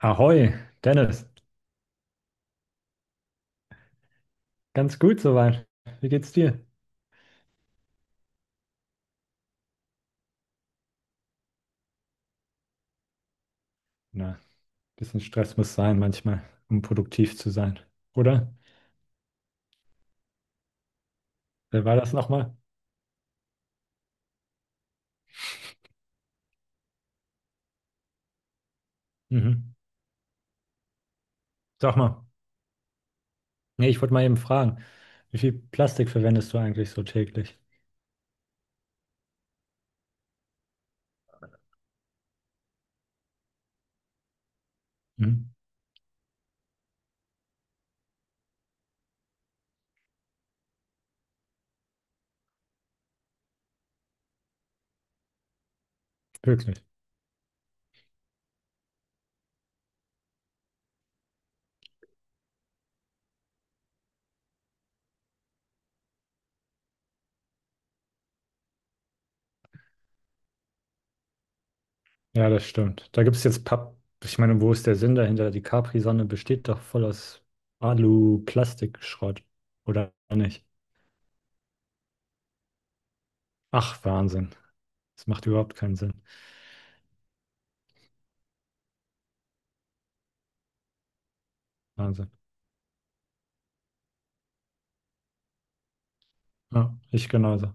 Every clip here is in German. Ahoi, Dennis. Ganz gut soweit. Wie geht's dir? Na, bisschen Stress muss sein manchmal, um produktiv zu sein, oder? Wer war das nochmal? Mhm. Sag mal. Nee, ich wollte mal eben fragen, wie viel Plastik verwendest du eigentlich so täglich? Mhm. Wirklich. Ja, das stimmt. Da gibt's jetzt Papp. Ich meine, wo ist der Sinn dahinter? Die Capri-Sonne besteht doch voll aus Alu-Plastikschrott, oder nicht? Ach, Wahnsinn. Das macht überhaupt keinen Sinn. Wahnsinn. Ja, ich genauso.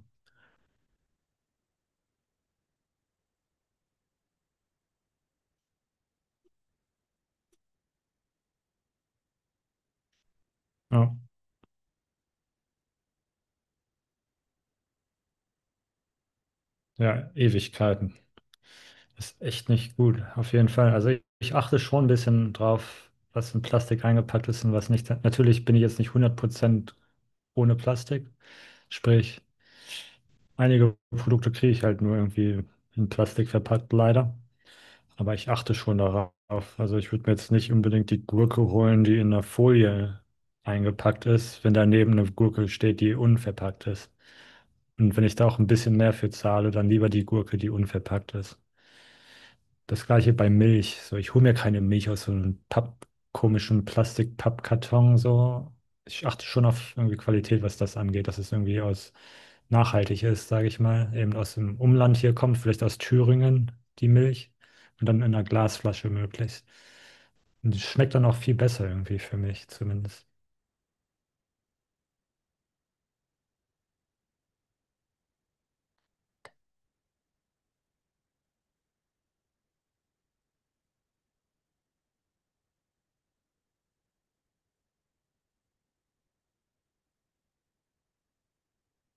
Ja. Ja, Ewigkeiten. Ist echt nicht gut, auf jeden Fall. Also ich achte schon ein bisschen drauf, was in Plastik eingepackt ist und was nicht. Natürlich bin ich jetzt nicht 100% ohne Plastik. Sprich, einige Produkte kriege ich halt nur irgendwie in Plastik verpackt, leider. Aber ich achte schon darauf. Also ich würde mir jetzt nicht unbedingt die Gurke holen, die in der Folie eingepackt ist, wenn daneben eine Gurke steht, die unverpackt ist. Und wenn ich da auch ein bisschen mehr für zahle, dann lieber die Gurke, die unverpackt ist. Das gleiche bei Milch. So, ich hole mir keine Milch aus so einem Papp, komischen Plastik-Pappkarton. So. Ich achte schon auf irgendwie Qualität, was das angeht, dass es irgendwie aus nachhaltig ist, sage ich mal. Eben aus dem Umland hier kommt, vielleicht aus Thüringen, die Milch. Und dann in einer Glasflasche möglichst. Und die schmeckt dann auch viel besser irgendwie für mich zumindest.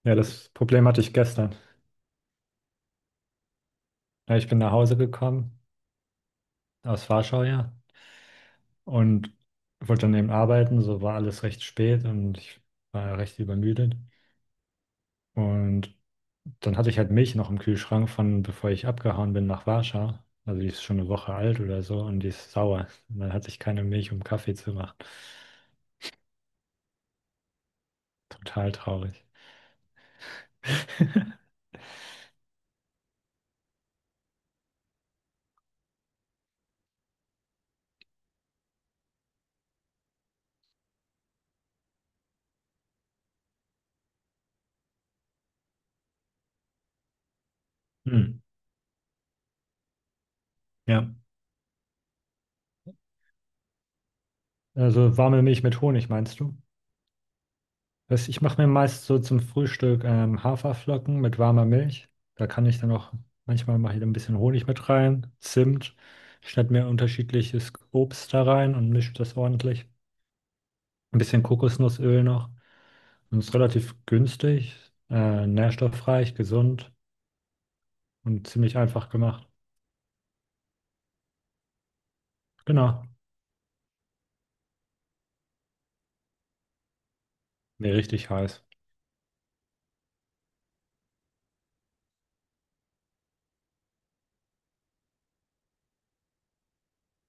Ja, das Problem hatte ich gestern. Ja, ich bin nach Hause gekommen, aus Warschau, ja, und wollte dann eben arbeiten, so war alles recht spät und ich war ja recht übermüdet. Und dann hatte ich halt Milch noch im Kühlschrank von, bevor ich abgehauen bin nach Warschau. Also die ist schon eine Woche alt oder so und die ist sauer. Und dann hatte ich keine Milch, um Kaffee zu machen. Total traurig. Hm. Ja. Also warme Milch mit Honig, meinst du? Was, ich mache mir meist so zum Frühstück Haferflocken mit warmer Milch. Da kann ich dann auch, manchmal mache ich da ein bisschen Honig mit rein, Zimt, schneide mir unterschiedliches Obst da rein und mische das ordentlich. Ein bisschen Kokosnussöl noch. Und ist relativ günstig, nährstoffreich, gesund und ziemlich einfach gemacht. Genau. Nee, richtig heiß.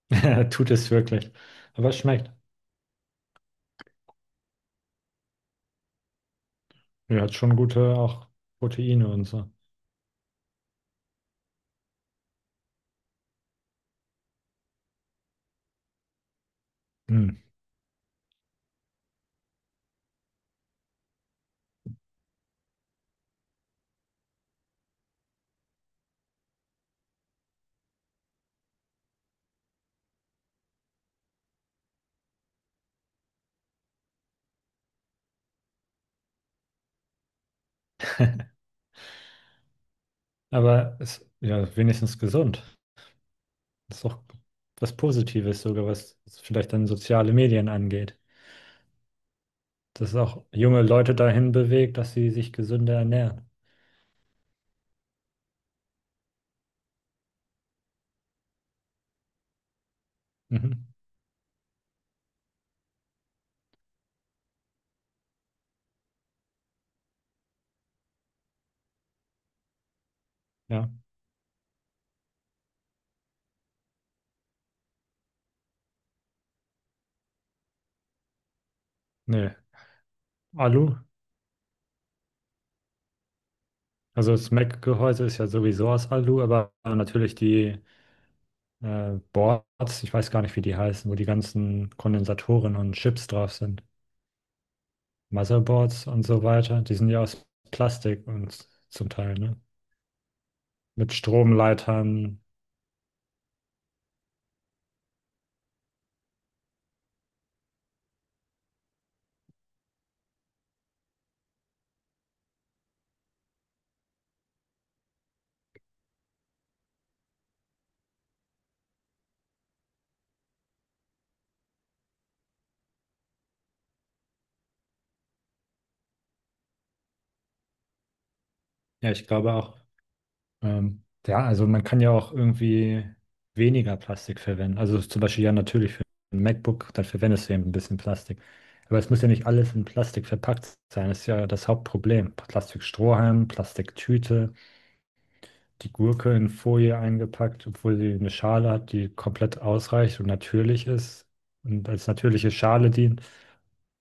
Tut es wirklich. Aber es schmeckt. Ja, hat schon gute auch Proteine und so. Mm. Aber es ist ja wenigstens gesund. Das ist auch was Positives sogar, was vielleicht dann soziale Medien angeht. Dass es auch junge Leute dahin bewegt, dass sie sich gesünder ernähren. Mhm. Ja, nee. Alu, also das Mac-Gehäuse ist ja sowieso aus Alu, aber natürlich die Boards, ich weiß gar nicht, wie die heißen, wo die ganzen Kondensatoren und Chips drauf sind. Motherboards und so weiter, die sind ja aus Plastik und zum Teil, ne? Mit Stromleitern. Ja, ich glaube auch. Ja, also man kann ja auch irgendwie weniger Plastik verwenden. Also zum Beispiel ja natürlich für ein MacBook, dann verwendest du eben ein bisschen Plastik. Aber es muss ja nicht alles in Plastik verpackt sein. Das ist ja das Hauptproblem. Plastikstrohhalm, Plastiktüte, die Gurke in Folie eingepackt, obwohl sie eine Schale hat, die komplett ausreicht und natürlich ist und als natürliche Schale dient.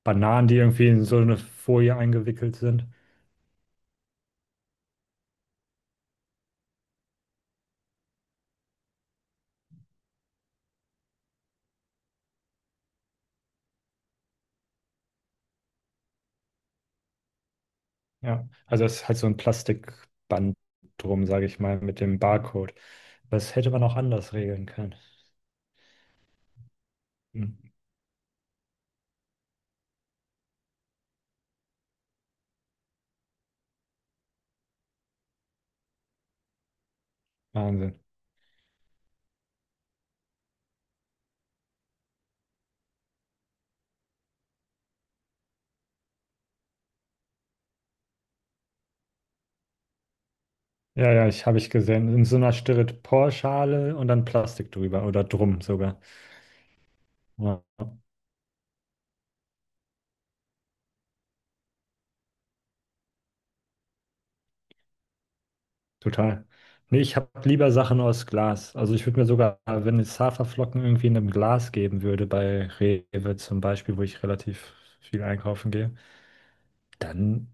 Bananen, die irgendwie in so eine Folie eingewickelt sind. Ja, also es ist halt so ein Plastikband drum, sage ich mal, mit dem Barcode. Das hätte man auch anders regeln können. Hm. Wahnsinn. Ja, ja, ich habe ich gesehen. In so einer Styroporschale und dann Plastik drüber oder drum sogar. Ja, total. Nee, ich habe lieber Sachen aus Glas. Also ich würde mir sogar, wenn es Haferflocken irgendwie in einem Glas geben würde, bei Rewe zum Beispiel, wo ich relativ viel einkaufen gehe, dann,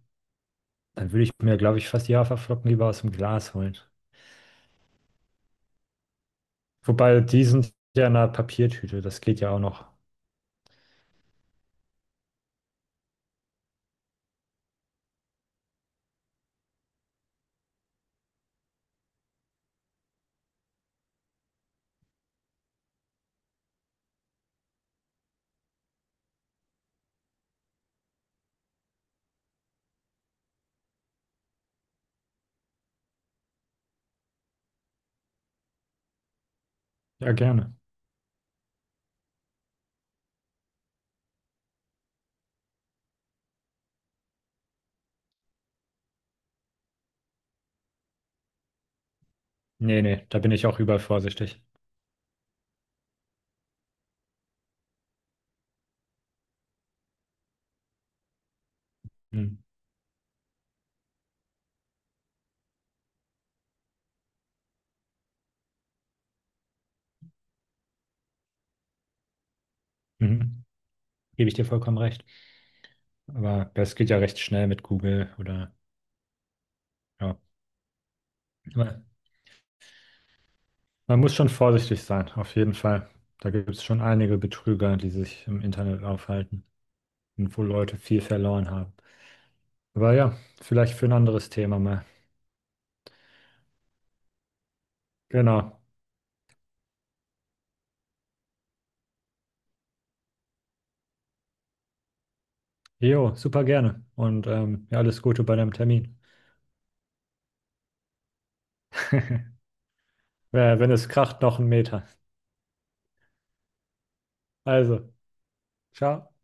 dann würde ich mir, glaube ich, fast die Haferflocken lieber aus dem Glas holen. Wobei, die sind ja in einer Papiertüte, das geht ja auch noch. Ja, gerne. Nee, nee, da bin ich auch übervorsichtig. Hm. Mhm. Gebe ich dir vollkommen recht. Aber das geht ja recht schnell mit Google oder ja. Aber man muss schon vorsichtig sein, auf jeden Fall. Da gibt es schon einige Betrüger, die sich im Internet aufhalten und wo Leute viel verloren haben. Aber ja, vielleicht für ein anderes Thema mal. Genau. Jo, super gerne. Und ja, alles Gute bei deinem Termin. Wenn es kracht, noch 1 Meter. Also. Ciao.